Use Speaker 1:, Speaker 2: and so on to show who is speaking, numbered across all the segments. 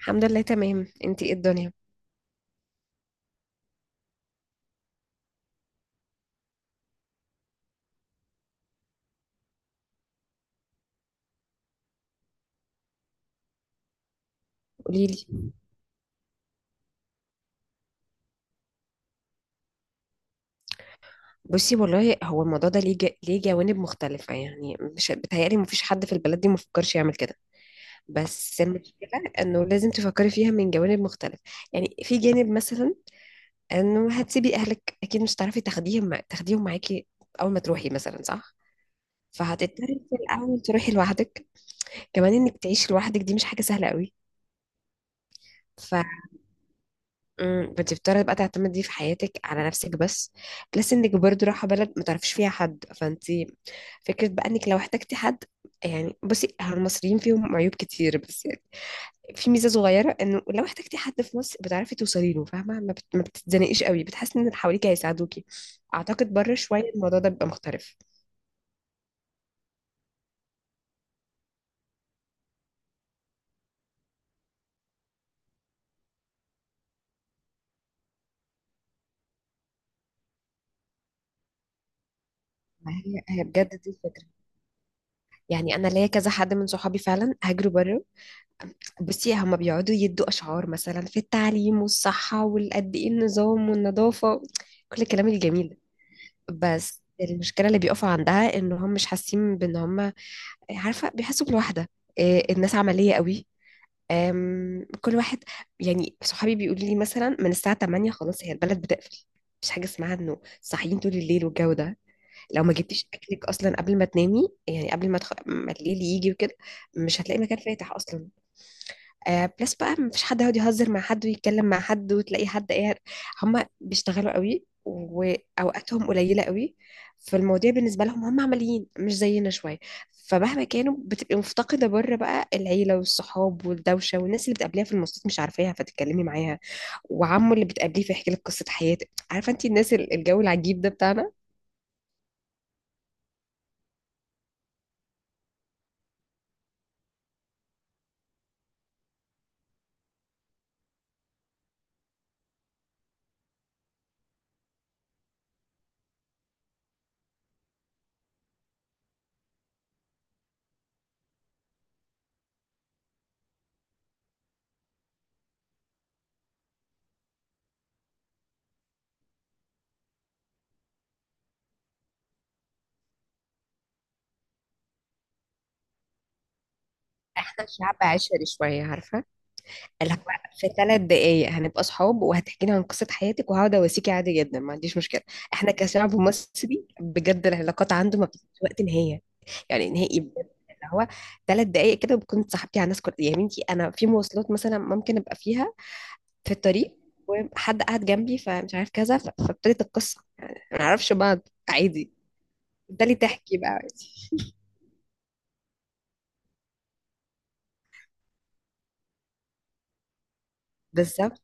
Speaker 1: الحمد لله، تمام. انتي ايه الدنيا؟ قوليلي. بصي والله هو الموضوع ده ليه جوانب مختلفة. يعني مش بتهيألي مفيش حد في البلد دي مفكرش يعمل كده، بس المشكلة انه لازم تفكري فيها من جوانب مختلفة. يعني في جانب مثلا انه هتسيبي اهلك، اكيد مش هتعرفي تاخديهم تاخديهم معاكي اول ما تروحي مثلا، صح؟ فهتضطري في الاول تروحي لوحدك، كمان انك تعيشي لوحدك دي مش حاجة سهلة قوي. بتضطري بقى تعتمدي في حياتك على نفسك بس. بلس انك برضو رايحه بلد ما تعرفيش فيها حد، فانت فكره بقى انك لو احتجتي حد. يعني بصي، هو المصريين فيهم عيوب كتير، بس يعني في ميزه صغيره، انه لو احتجتي حد في مصر بتعرفي توصلي له، فاهمه؟ ما بتتزنقيش قوي، بتحسي ان اللي حواليك هيساعدوكي. اعتقد بره شويه الموضوع ده بيبقى مختلف. ما هي هي بجد دي الفكره. يعني انا ليا كذا حد من صحابي فعلا هاجروا بره. بصي هما بيقعدوا يدوا أشعار مثلا في التعليم والصحة والقد إيه، النظام والنظافة، كل الكلام الجميل ده. بس المشكلة اللي بيقفوا عندها إن هم مش حاسين بإن هم، عارفة، بيحسوا بالوحدة. الناس عملية قوي. كل واحد، يعني صحابي بيقولوا لي مثلا من الساعة 8 خلاص هي البلد بتقفل. مفيش حاجة اسمها إنه صاحيين طول الليل والجو ده. لو ما جبتيش أكلك أصلا قبل ما تنامي، يعني قبل ما الليل يجي وكده مش هتلاقي مكان فاتح أصلا. آه، بلس بقى مفيش حد يقعد يهزر مع حد ويتكلم مع حد وتلاقي حد ايه. هم بيشتغلوا قوي واوقاتهم قليله قوي. فالمواضيع بالنسبه لهم هم عمليين، مش زينا شويه. فمهما كانوا بتبقي مفتقده بره بقى العيله والصحاب والدوشه والناس اللي بتقابليها في المواصلات مش عارفاها فتتكلمي معاها، وعمه اللي بتقابليه فيحكي لك قصه حياته، عارفه انت الناس الجو العجيب ده بتاعنا. احنا شعب عشري شويه، عارفه، اللي هو في 3 دقايق هنبقى صحاب وهتحكي لي عن قصة حياتك وهقعد اواسيكي عادي جدا، ما عنديش مشكلة. احنا كشعب مصري بجد العلاقات عنده ما بتبقاش وقت نهاية. يعني نهائي بجد اللي هو 3 دقايق كده بكون صاحبتي على الناس. كل يا بنتي انا في مواصلات مثلا ممكن ابقى فيها في الطريق وحد قاعد جنبي فمش عارف كذا، فابتدت القصة، يعني ما نعرفش بعض عادي. بالتالي تحكي بقى عادي. بالظبط.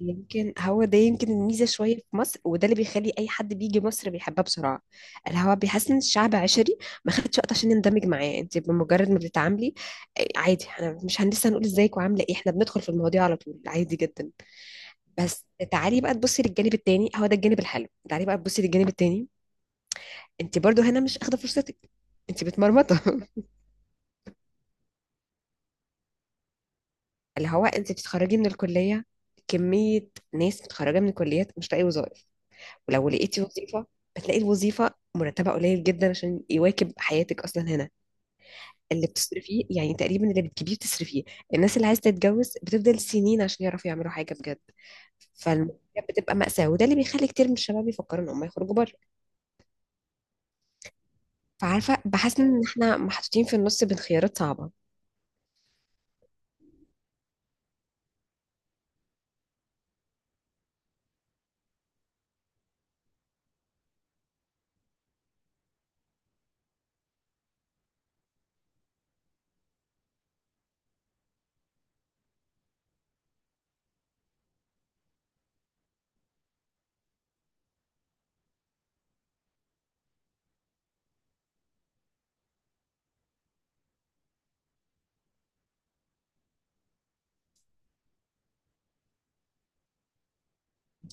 Speaker 1: يمكن هو ده يمكن الميزة شوية في مصر، وده اللي بيخلي أي حد بيجي مصر بيحبها بسرعة. الهوا بيحس إن الشعب عشري، ما خدتش وقت عشان نندمج معاه. أنت بمجرد ما بتتعاملي، عادي، احنا مش هنلسه هنقول ازيك وعاملة ايه، احنا بندخل في المواضيع على طول عادي جدا. بس تعالي بقى تبصي للجانب التاني، هو ده الجانب الحلو. تعالي بقى تبصي للجانب التاني، أنت برضو هنا مش أخدة فرصتك. أنت متمرمطة. اللي هو أنت بتتخرجي من الكلية، كمية ناس متخرجة من الكليات مش لاقي وظائف. ولو لقيتي وظيفة، بتلاقي الوظيفة مرتبها قليل جدا عشان يواكب حياتك أصلا هنا. اللي بتصرفيه يعني تقريبا اللي بتجيبيه بتصرفيه. الناس اللي عايزة تتجوز بتفضل سنين عشان يعرفوا يعملوا حاجة بجد. فالموضوع بتبقى مأساة، وده اللي بيخلي كتير من الشباب يفكروا إن هم يخرجوا بره. فعارفة بحس إن إحنا محطوطين في النص بين خيارات صعبة.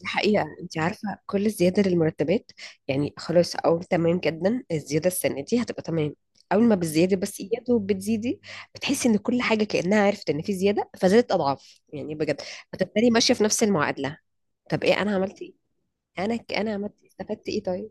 Speaker 1: الحقيقة انت عارفة كل زيادة للمرتبات، يعني خلاص او تمام جدا الزيادة السنة دي هتبقى تمام، اول ما بالزيادة بس يا دوب بتزيدي بتحسي ان كل حاجة كأنها عرفت ان في زيادة فزادت اضعاف، يعني بجد بتبتدي ماشية في نفس المعادلة. طب ايه انا عملت ايه، انا عملت إيه؟ استفدت ايه طيب؟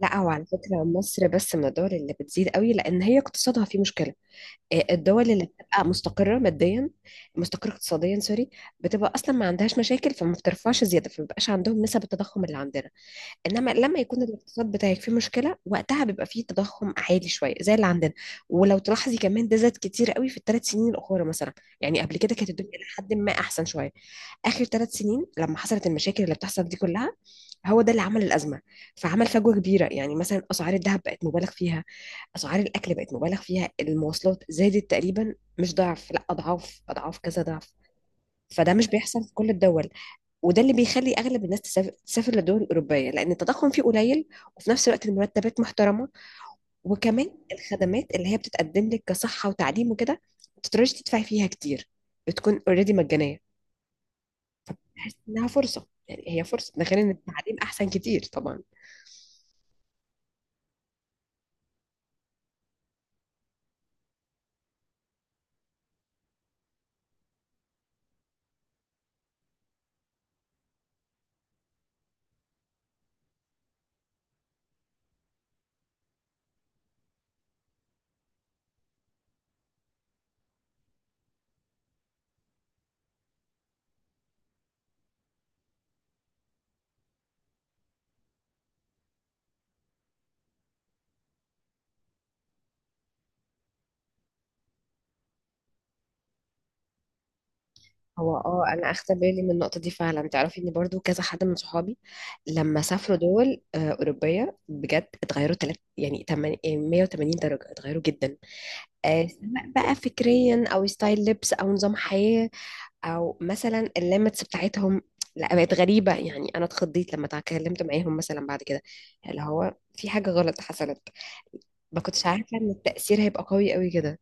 Speaker 1: لا، هو على فكرة مصر بس من الدول اللي بتزيد قوي لان هي اقتصادها فيه مشكلة. الدول اللي بتبقى مستقرة ماديا، مستقرة اقتصاديا، سوري، بتبقى أصلا ما عندهاش مشاكل فما بترفعش زيادة، فما بيبقاش عندهم نسب التضخم اللي عندنا. إنما لما يكون الاقتصاد بتاعك فيه مشكلة وقتها بيبقى فيه تضخم عالي شوية زي اللي عندنا. ولو تلاحظي كمان ده زاد كتير قوي في الـ3 سنين الأخرى مثلا. يعني قبل كده كانت الدنيا لحد ما أحسن شوية. آخر 3 سنين لما حصلت المشاكل اللي بتحصل دي كلها، هو ده اللي عمل الأزمة. فعمل فجوة كبيرة. يعني مثلا أسعار الذهب بقت مبالغ فيها، اسعار الاكل بقت مبالغ فيها، المواصلات زادت تقريبا مش ضعف، لا اضعاف اضعاف كذا ضعف. فده مش بيحصل في كل الدول، وده اللي بيخلي اغلب الناس تسافر للدول الاوروبيه لان التضخم فيه قليل، وفي نفس الوقت المرتبات محترمه. وكمان الخدمات اللي هي بتتقدم لك كصحه وتعليم وكده ما تقدريش تدفعي فيها كتير، بتكون اوريدي مجانيه، تحس انها فرصه، يعني هي فرصه. ده غير ان التعليم احسن كتير طبعا. هو اه، انا اخدت بالي من النقطه دي فعلا. تعرفي ان برضو كذا حد من صحابي لما سافروا دول اوروبيه بجد اتغيروا تلات، يعني 180 درجه، اتغيروا جدا. سواء بقى فكريا او ستايل لبس او نظام حياه، او مثلا الليمتس بتاعتهم لا بقت غريبه. يعني انا اتخضيت لما اتكلمت معاهم مثلا بعد كده، اللي هو في حاجه غلط حصلت. ما كنتش عارفه ان التاثير هيبقى قوي قوي كده.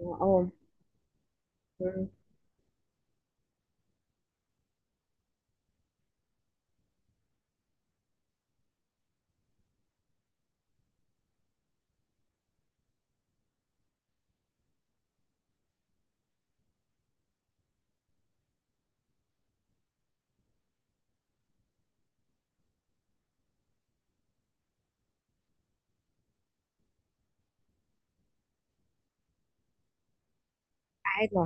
Speaker 1: اه. آه. عادي.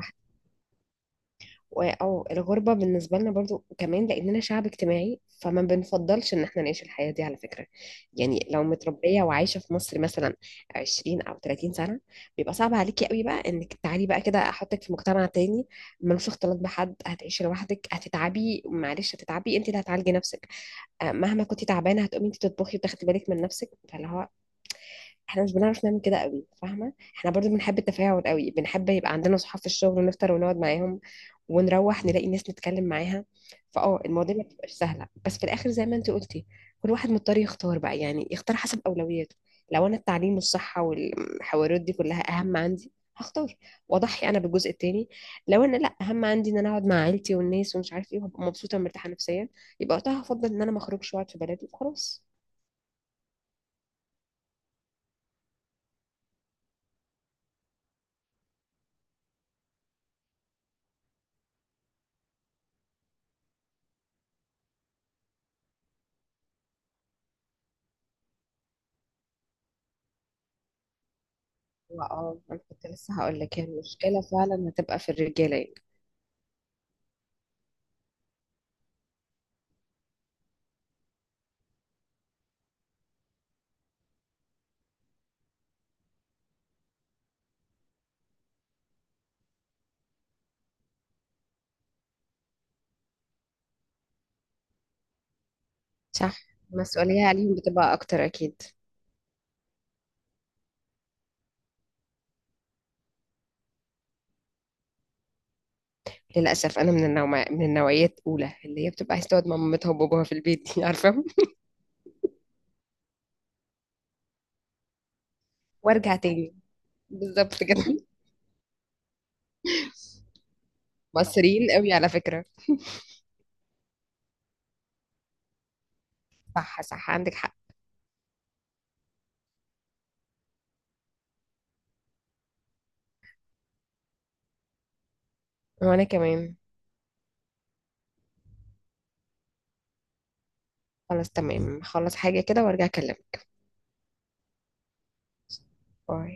Speaker 1: او الغربة بالنسبة لنا برضو كمان لأننا شعب اجتماعي فما بنفضلش إن احنا نعيش الحياة دي على فكرة. يعني لو متربية وعايشة في مصر مثلا 20 أو 30 سنة بيبقى صعب عليكي قوي بقى إنك تعالي بقى كده أحطك في مجتمع تاني ملوش اختلاط بحد، هتعيشي لوحدك، هتتعبي، معلش هتتعبي، أنت اللي هتعالجي نفسك. مهما كنتي تعبانة هتقومي أنت تطبخي وتاخدي بالك من نفسك، فاللي هو احنا مش بنعرف نعمل كده قوي، فاهمه؟ احنا برضو بنحب التفاعل قوي، بنحب يبقى عندنا صحاب في الشغل ونفطر ونقعد معاهم ونروح نلاقي ناس نتكلم معاها. فاه المواضيع ما بتبقاش سهله، بس في الاخر زي ما انت قلتي كل واحد مضطر يختار بقى، يعني يختار حسب اولوياته. لو انا التعليم والصحه والحوارات دي كلها اهم عندي هختار، واضحي انا بالجزء التاني. لو انا لا، اهم عندي ان انا اقعد مع عيلتي والناس ومش عارف ايه وابقى مبسوطه ومرتاحه نفسيا، يبقى وقتها هفضل ان انا ما اخرجش واقعد في بلدي وخلاص. هو اه، انا كنت لسه هقول لك يعني المشكله فعلا هتبقى في الرجاله يعني. صح، المسؤوليه عليهم بتبقى اكتر اكيد. للاسف انا من النوع، من النوعيه الاولى اللي هي بتبقى عايزه تقعد مع مامتها وباباها في البيت دي. عارفه، وارجع تاني، بالظبط كده. مصريين قوي على فكره. صح صح، عندك حق. وانا كمان. خلاص تمام، خلص حاجه كده وارجع اكلمك. باي.